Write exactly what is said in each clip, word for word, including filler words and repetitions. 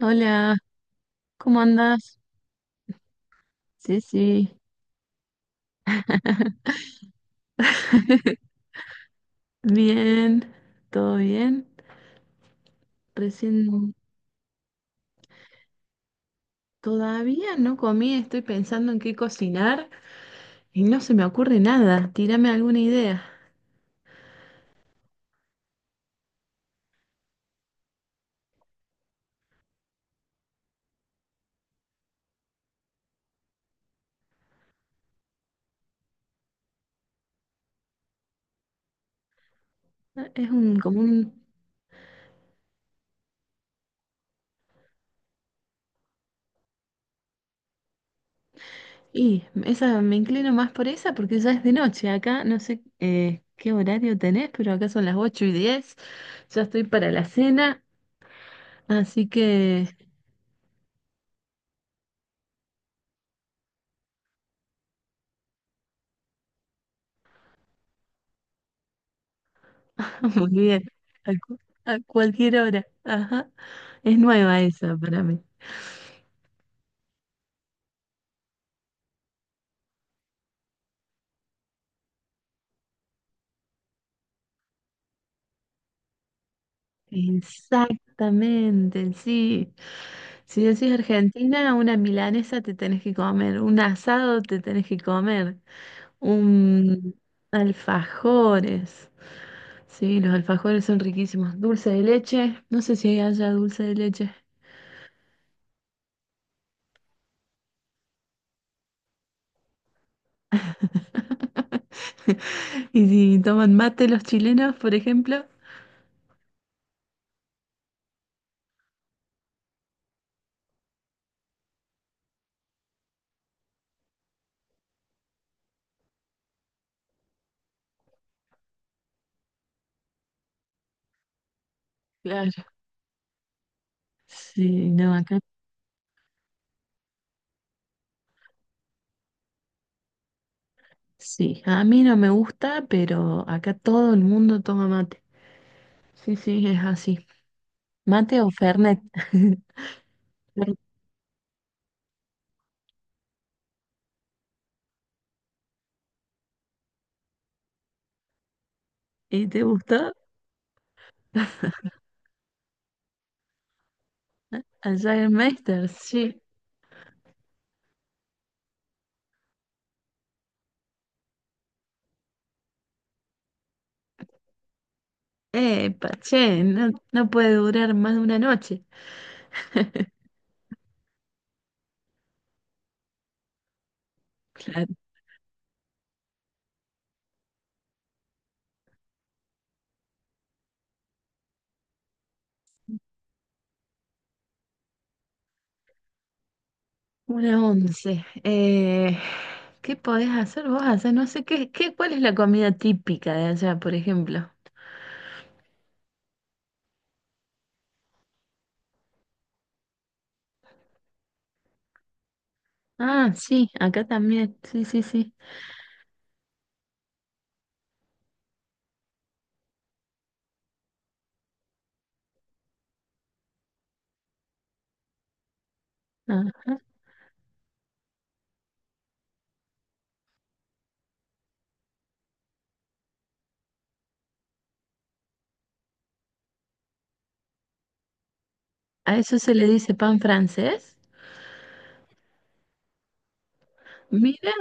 Hola, ¿cómo andas? Sí, sí, bien, todo bien. Recién todavía no comí, estoy pensando en qué cocinar y no se me ocurre nada. Tírame alguna idea. Ah, Es un como un y esa me inclino más por esa porque ya es de noche. Acá no sé eh, qué horario tenés, pero acá son las ocho y diez. Ya estoy para la cena, así que muy bien. A, cu- a cualquier hora. Ajá. Es nueva esa para mí. Exactamente, sí. Si decís Argentina, una milanesa te tenés que comer, un asado te tenés que comer, un alfajores. Sí, los alfajores son riquísimos. Dulce de leche, no sé si hay allá dulce de leche. Y si toman mate los chilenos, por ejemplo. Claro. Sí, no, acá sí. A mí no me gusta, pero acá todo el mundo toma mate. Sí, sí, es así. Mate o Fernet. ¿Y te gustó? Al Jägermeister, sí. Epa, che, no, no puede durar más de una noche. Claro. Una once. Eh, ¿qué podés hacer vos? Hacer no sé qué, qué, ¿cuál es la comida típica de allá, por ejemplo? Ah, sí, acá también. Sí, sí, sí. Ajá. ¿A eso se le dice pan francés? Mira,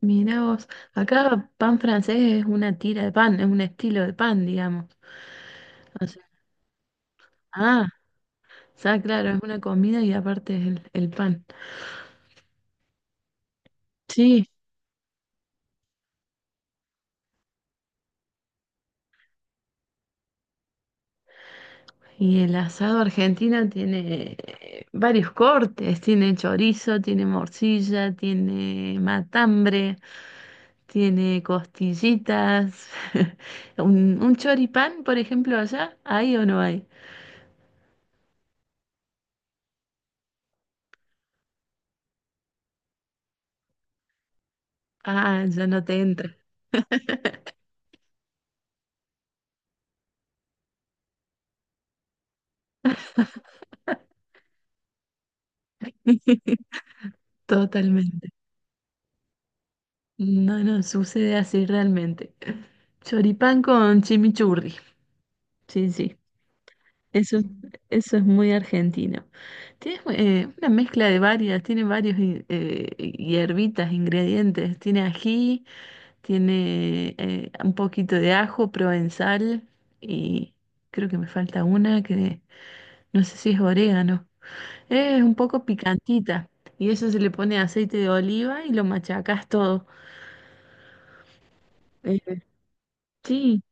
mira vos. Acá pan francés es una tira de pan, es un estilo de pan, digamos. O sea, ah, O sea, claro, es una comida y aparte es el, el pan. Sí, y el asado argentino tiene eh, varios cortes, tiene chorizo, tiene morcilla, tiene matambre, tiene costillitas. ¿Un, un choripán, por ejemplo, allá? ¿Hay o no hay? Ah, ya no te entra. Totalmente. No, no, sucede así realmente. Choripán con chimichurri. Sí, sí. Eso, eso es muy argentino. Tiene eh, una mezcla de varias, tiene varios in- eh, hierbitas, ingredientes. Tiene ají, tiene eh, un poquito de ajo, provenzal y creo que me falta una que no sé si es orégano. Es un poco picantita y eso se le pone aceite de oliva y lo machacas todo. Eh, sí,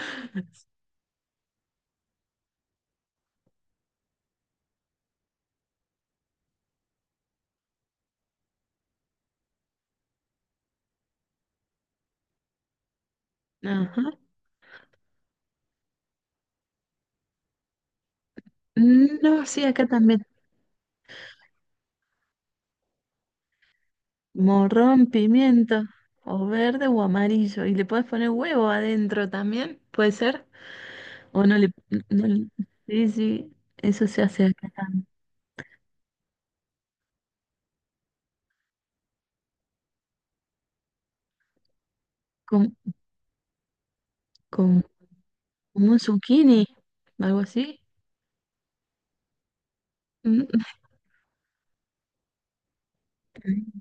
ajá. No, sí, acá también. Morrón, pimiento, o verde o amarillo. Y le puedes poner huevo adentro también, ¿puede ser? O no le... no le- Sí, sí, eso se hace acá también. Con, con- Como un zucchini, algo así. Mm, mm.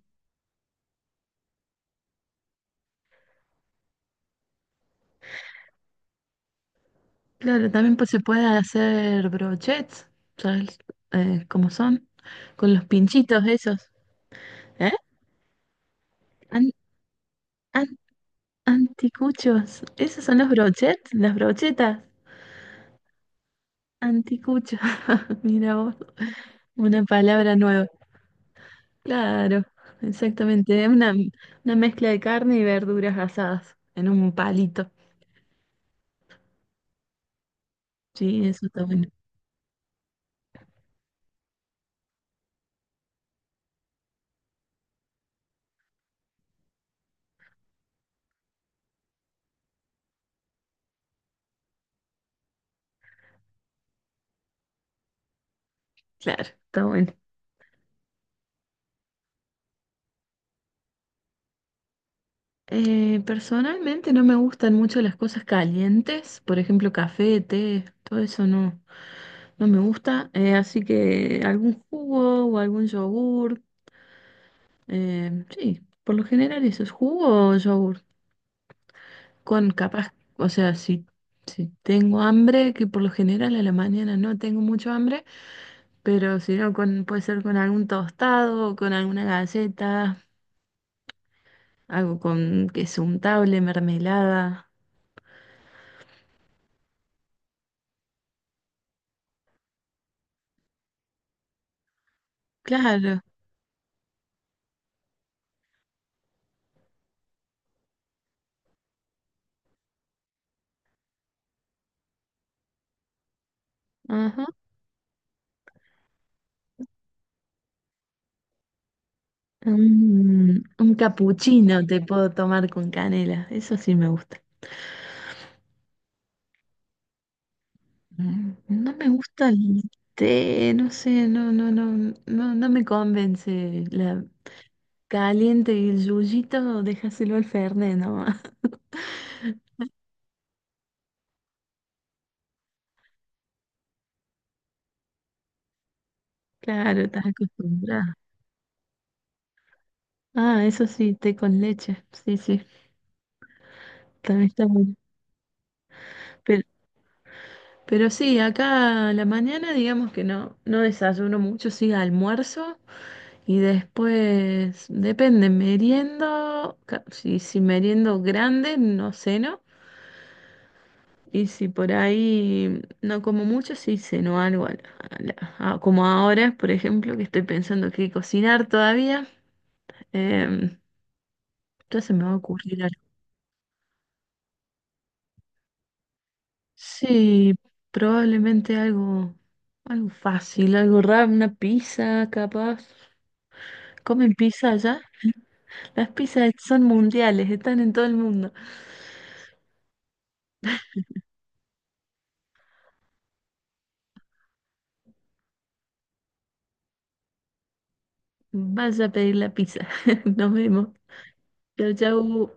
Claro, también pues, se puede hacer brochets, ¿sabes? Eh, ¿cómo son? Con los pinchitos esos. ¿Eh? An- an- Anticuchos. ¿Esos son los brochets? Las brochetas. Anticuchos. Mira vos, una palabra nueva. Claro, exactamente. Es una, una mezcla de carne y verduras asadas en un palito. Sí, eso está bueno. Claro, está bueno. Eh, personalmente no me gustan mucho las cosas calientes, por ejemplo, café, té, todo eso no, no me gusta. Eh, así que algún jugo o algún yogur. Eh, sí, por lo general eso es jugo o yogur. Con capaz, o sea, si, si tengo hambre, que por lo general a la mañana no tengo mucho hambre. Pero si no, con, puede ser con algún tostado, con alguna galleta, algo con queso untable, mermelada. Claro, ajá. Un, un capuchino te puedo tomar con canela, eso sí me gusta. Mm, No me gusta el té, no sé, no, no, no, no, no me convence. La caliente y el yuyito, déjaselo al Fernet nomás. Claro, estás acostumbrada. Ah, eso sí, té con leche, sí, sí, también está bueno. Pero Pero sí, acá a la mañana digamos que no, no desayuno mucho, sí almuerzo y después depende, meriendo, ca- si, si meriendo grande no ceno y si por ahí no como mucho sí ceno algo, a la- a la- a- como ahora por ejemplo que estoy pensando qué cocinar todavía, em, ya se me va a ocurrir algo. Sí, probablemente algo, algo fácil, algo raro, una pizza capaz. ¿Comen pizza allá? Las pizzas son mundiales, están en todo el mundo. Vaya a pedir la pizza. Nos vemos. Chau, chau.